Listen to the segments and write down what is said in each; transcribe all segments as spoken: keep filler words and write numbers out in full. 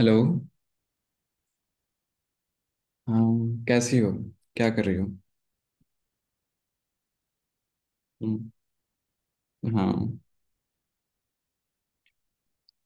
Hello. हाँ, कैसी हो? क्या कर रही हो? हम्म। हाँ।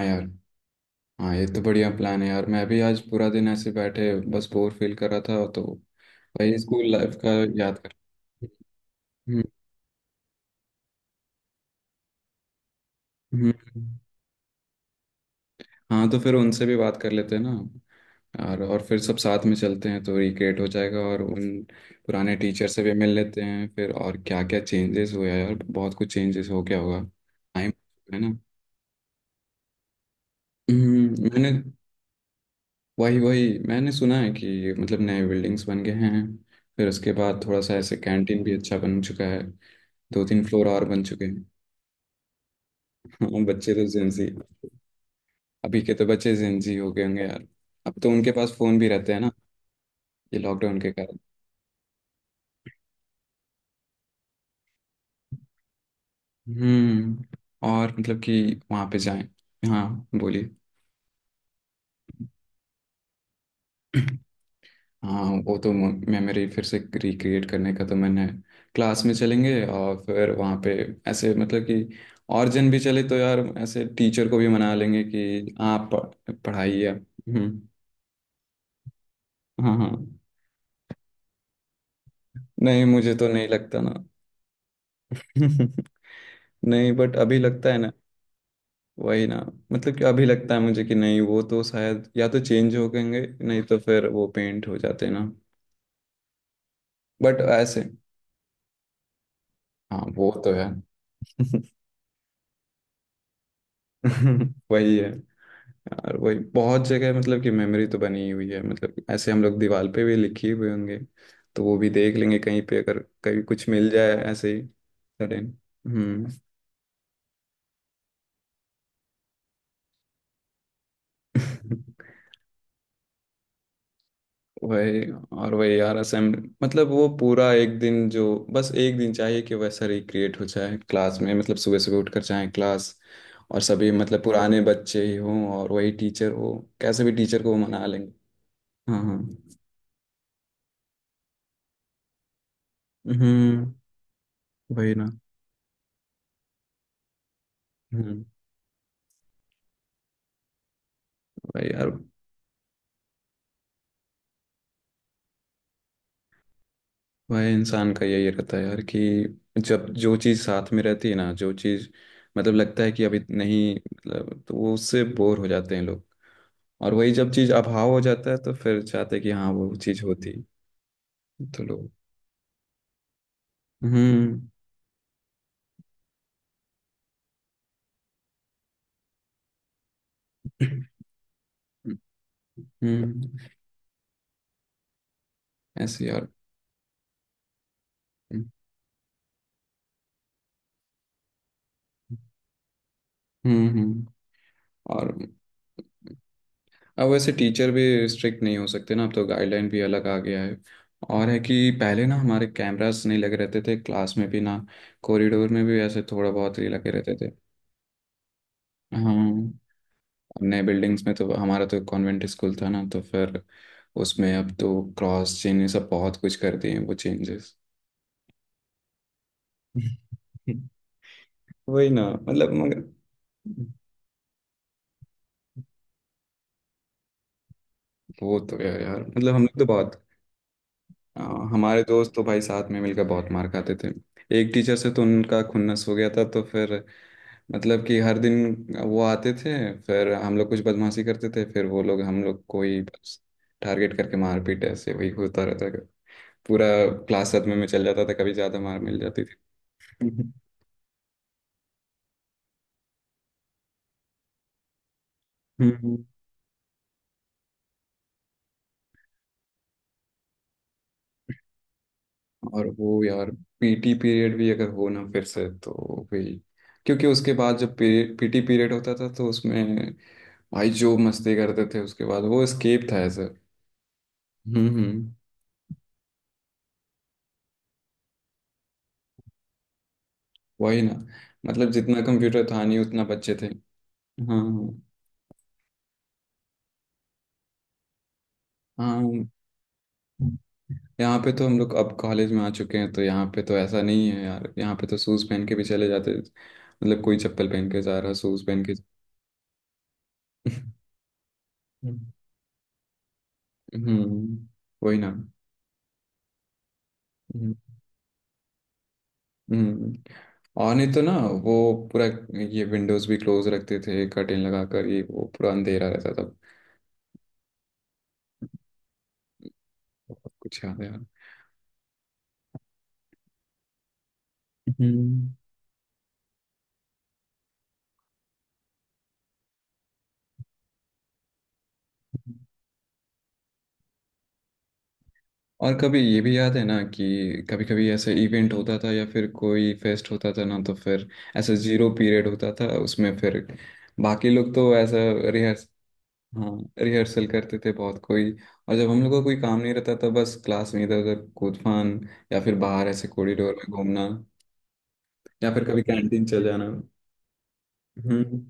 हाँ यार। हाँ ये तो बढ़िया प्लान है यार, मैं भी आज पूरा दिन ऐसे बैठे बस बोर फील कर रहा था तो वही स्कूल लाइफ का याद कर। हम्म। हम्म। हाँ तो फिर उनसे भी बात कर लेते हैं ना, और और फिर सब साथ में चलते हैं तो रिक्रिएट हो जाएगा, और उन पुराने टीचर से भी मिल लेते हैं फिर। और क्या क्या चेंजेस हुआ यार, बहुत कुछ चेंजेस हो गया होगा। टाइम है ना। हम्म, मैंने वही वही मैंने सुना है कि मतलब नए बिल्डिंग्स बन गए हैं, फिर उसके बाद थोड़ा सा ऐसे कैंटीन भी अच्छा बन चुका है, दो तीन फ्लोर और बन चुके हैं। हाँ, बच्चे तो जेंजी। अभी के तो बच्चे जेंजी हो गए होंगे यार। अब तो उनके पास फोन भी रहते हैं ना, ये लॉकडाउन के कारण। हम्म। और मतलब कि वहाँ पे जाएं। हाँ। बोलिए। हाँ वो तो मेमोरी फिर से रिक्रिएट करने का तो मैंने क्लास में चलेंगे और फिर वहाँ पे ऐसे मतलब कि। और जन भी चले तो यार ऐसे टीचर को भी मना लेंगे कि आप पढ़- पढ़ाइए। हम्म। हाँ हाँ। नहीं मुझे तो नहीं लगता ना। नहीं बट अभी लगता है ना। वही ना, मतलब कि अभी लगता है मुझे कि नहीं वो तो शायद या तो चेंज हो गएंगे, नहीं तो फिर वो पेंट हो जाते हैं ना। बट ऐसे। हाँ वो तो है। वही है यार। वही बहुत जगह मतलब कि मेमोरी तो बनी ही हुई है, मतलब ऐसे हम लोग दीवार पे भी लिखी हुए होंगे, तो वो भी देख लेंगे कहीं पे अगर कभी कुछ मिल जाए ऐसे ही सडन। हम्म। वही। और वही यार असेंबली मतलब वो पूरा एक दिन जो, बस एक दिन चाहिए कि वैसा रिक्रिएट हो जाए क्लास में। मतलब सुबह सुबह उठ कर जाए क्लास, और सभी मतलब पुराने बच्चे ही हों और वही टीचर हो। कैसे भी टीचर को वो मना लेंगे। हाँ हाँ। हम्म। वही ना। हम्म। भाई यार। भाई इंसान का यही रहता है यार कि जब जो चीज़ साथ में रहती है ना, जो चीज़ मतलब लगता है कि अभी नहीं मतलब, तो वो उससे बोर हो जाते हैं लोग। और वही जब चीज़ अभाव हो जाता है तो फिर चाहते हैं कि हाँ वो चीज़ होती तो। लोग। हम्म। हम्म। हम्म, ऐसे यार। हम्म। हम्म। हम्म। और अब वैसे टीचर भी स्ट्रिक्ट नहीं हो सकते ना, अब तो गाइडलाइन भी अलग आ गया है। और है कि पहले ना हमारे कैमरास नहीं लगे रहते थे क्लास में भी ना, कॉरिडोर में भी ऐसे थोड़ा बहुत ही लगे रहते थे। हाँ। नए बिल्डिंग्स में तो, हमारा तो कॉन्वेंट स्कूल था ना, तो फिर उसमें अब तो क्रॉस चेन ये सब बहुत कुछ कर दिए हैं वो चेंजेस। वही ना। मतलब मगर वो तो है यार। मतलब हम लोग तो बहुत। आ, हमारे दोस्त तो भाई साथ में मिलकर बहुत मार खाते थे। एक टीचर से तो उनका खुन्नस हो गया था तो फिर मतलब कि हर दिन वो आते थे, फिर हम लोग कुछ बदमाशी करते थे फिर वो लोग हम लोग को ही बस टारगेट करके मारपीट ऐसे वही होता रहता था। पूरा क्लास सदमे में चल जाता था कभी ज़्यादा मार मिल जाती थी। हम्म। हम्म। और वो यार पी टी पीरियड भी अगर हो ना फिर से तो भी, क्योंकि उसके बाद जब पी टी पीरियड होता था तो उसमें भाई जो मस्ती करते थे उसके बाद वो स्केप था ऐसे। हम्म। हम्म। वही ना। मतलब जितना कंप्यूटर था नहीं उतना बच्चे थे। हाँ। हाँ। यहाँ पे तो हम लोग अब कॉलेज में आ चुके हैं तो यहाँ पे तो ऐसा नहीं है यार, यहाँ पे तो शूज पहन के भी चले जाते, मतलब कोई चप्पल पहन के जा रहा शूज पहन के। हम्म। वही ना। हम्म। हम्म। और नहीं तो ना वो पूरा ये विंडोज भी क्लोज रखते थे, कर्टेन लगा कर, ये वो पूरा अंधेरा रहता था। बहुत कुछ याद है यार। हम्म। और कभी ये भी याद है ना कि कभी कभी ऐसा इवेंट होता था या फिर कोई फेस्ट होता था ना, तो फिर ऐसा जीरो पीरियड होता था उसमें फिर बाकी लोग तो ऐसा रिहर्स। हाँ रिहर्सल करते थे बहुत कोई। और जब हम लोग का कोई काम नहीं रहता था बस क्लास में इधर उधर कूद फान, या फिर बाहर ऐसे कॉरिडोर में घूमना, या फिर कभी कैंटीन चल जाना। हम्म।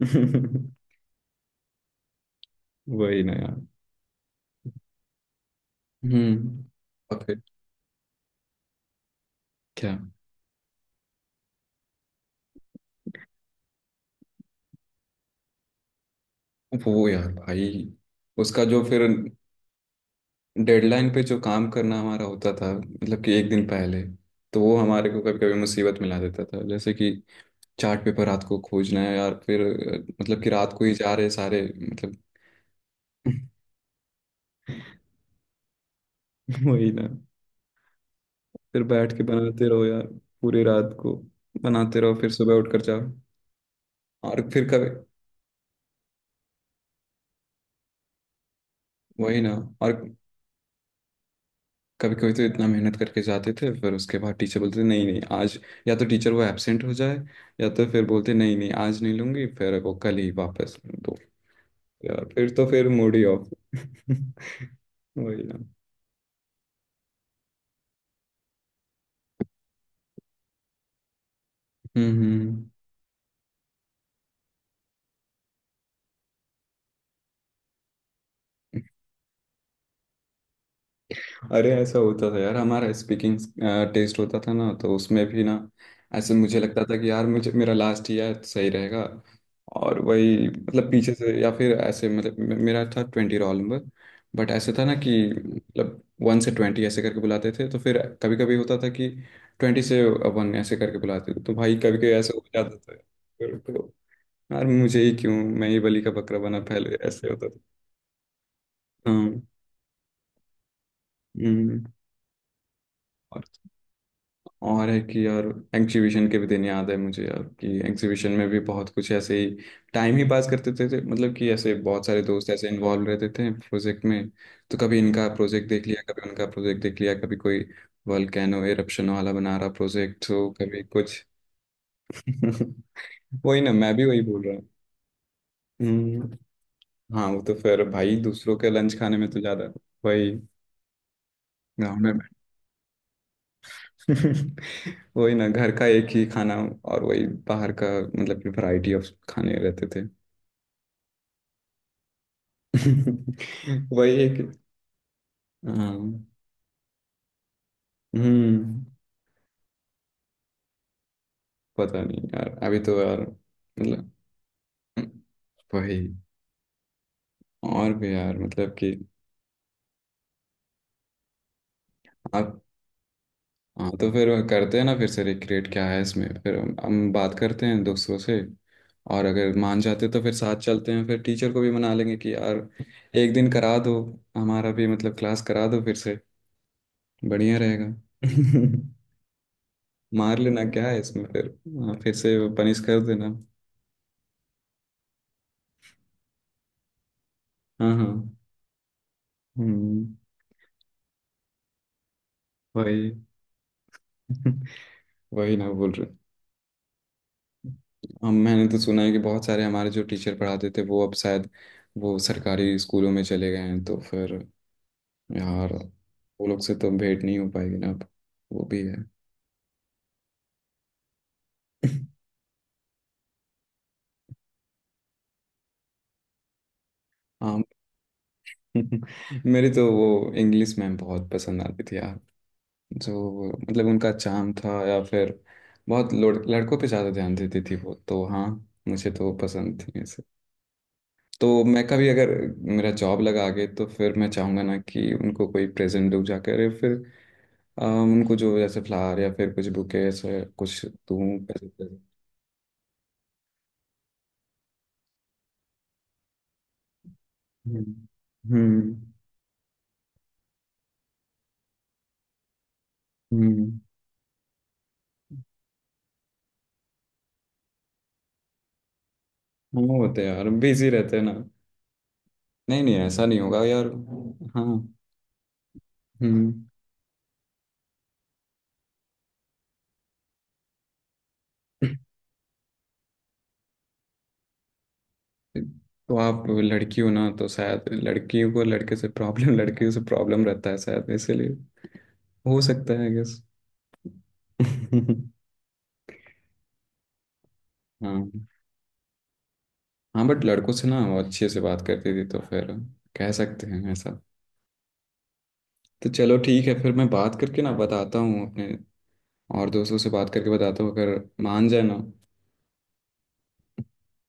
वही ना यार। हम्म। और फिर क्या वो यार भाई, उसका जो फिर डेडलाइन पे जो काम करना हमारा होता था, मतलब कि एक दिन पहले, तो वो हमारे को कभी कभी मुसीबत मिला देता था। जैसे कि चार्ट पेपर रात को खोजना है यार, फिर अ, मतलब कि रात को ही जा रहे सारे मतलब। वही ना। फिर बैठ के बनाते रहो यार पूरी रात को, बनाते रहो फिर सुबह उठ कर जाओ। और फिर कभी वही ना। और कभी कभी तो इतना मेहनत करके जाते थे, फिर उसके बाद टीचर बोलते थे, नहीं नहीं आज, या तो टीचर वो एब्सेंट हो जाए, या तो फिर बोलते नहीं नहीं आज नहीं लूंगी, फिर वो कल ही वापस। तो यार फिर तो फिर मूड ही ऑफ। वही ना। हम्म। हम्म। अरे ऐसा होता था यार, हमारा स्पीकिंग टेस्ट होता था ना तो उसमें भी ना, ऐसे मुझे लगता था कि यार मुझे मेरा लास्ट ईयर सही रहेगा। और वही मतलब पीछे से या फिर ऐसे मतलब मे- मेरा था ट्वेंटी रोल नंबर। बट ऐसे था ना कि मतलब वन से ट्वेंटी ऐसे करके बुलाते थे, तो फिर कभी कभी होता था कि ट्वेंटी से वन ऐसे करके बुलाते थे, तो भाई कभी कभी ऐसे हो जाता था। यार मुझे ही क्यों, मैं ही बलि का बकरा बना, पहले ऐसे होता था। हाँ। हम्म। और और है कि यार एग्जीबिशन के भी दिन याद है मुझे यार, कि एग्जीबिशन में भी बहुत कुछ ऐसे ही टाइम ही पास करते थे, थे मतलब कि ऐसे बहुत सारे दोस्त ऐसे इन्वॉल्व रहते थे प्रोजेक्ट में। तो कभी इनका प्रोजेक्ट देख लिया, कभी उनका प्रोजेक्ट देख लिया, कभी कोई वोल्केनो एरप्शन वाला बना रहा प्रोजेक्ट, तो कभी कुछ। वही ना, मैं भी वही बोल रहा हूँ। हम्म। हाँ वो तो फिर भाई दूसरों के लंच खाने में तो ज़्यादा वही ग्राउंड में। वही ना घर का एक ही खाना, और वही बाहर का मतलब कि वैरायटी ऑफ खाने रहते थे। वही एक। हाँ। हम्म। पता नहीं यार अभी तो यार मतलब वही और भी यार मतलब कि आप। हाँ तो फिर करते हैं ना फिर से रिक्रिएट, क्या है इसमें, फिर हम हम बात करते हैं दोस्तों से। और अगर मान जाते तो फिर साथ चलते हैं, फिर टीचर को भी मना लेंगे कि यार एक दिन करा दो, हमारा भी मतलब क्लास करा दो फिर से, बढ़िया रहेगा। मार लेना क्या है इसमें फिर। हाँ, फिर से पनिश कर देना। हाँ हाँ। हम्म। वही। वही ना बोल रहे। हम मैंने तो सुना है कि बहुत सारे हमारे जो टीचर पढ़ाते थे वो अब शायद वो सरकारी स्कूलों में चले गए हैं, तो फिर यार वो लोग से तो भेंट नहीं हो पाएगी ना अब। वो भी है। हाँ। मेरी तो वो इंग्लिश मैम बहुत पसंद आती थी यार, जो मतलब उनका चार्म था या फिर बहुत लोड- लड़कों पे ज़्यादा ध्यान देती थी वो तो। हाँ, मुझे तो पसंद थी ऐसे। तो मैं कभी अगर मेरा जॉब लगा आगे तो फिर मैं चाहूँगा ना कि उनको कोई प्रेजेंट दूँ जाकर, या फिर अम, उनको जो जैसे फ्लावर या फिर कुछ बुके ऐसे कुछ दूँ पैसे पैसे। हम्म। हम्म। हम्म। हाँ, वो होते हैं यार बिजी रहते हैं ना। नहीं नहीं ऐसा नहीं होगा यार। हाँ। हम्म। तो आप लड़की हो ना, तो शायद लड़कियों को लड़के से प्रॉब्लम, लड़कियों से प्रॉब्लम रहता है शायद, इसीलिए हो सकता है, आई गेस। हाँ हाँ। बट लड़कों से ना वो अच्छे से बात करती थी, तो फिर कह सकते हैं ऐसा। तो चलो ठीक है फिर, मैं बात करके ना बताता हूँ अपने और दोस्तों से बात करके बताता हूँ अगर मान जाए ना।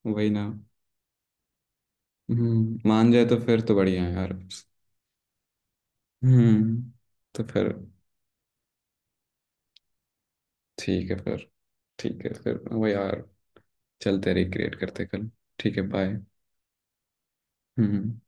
वही ना। हम्म। मान जाए तो फिर तो बढ़िया है यार। हम्म। तो फिर ठीक है फिर। ठीक है फिर वही यार, चलते रिक्रिएट करते कल। ठीक है, बाय। हम्म।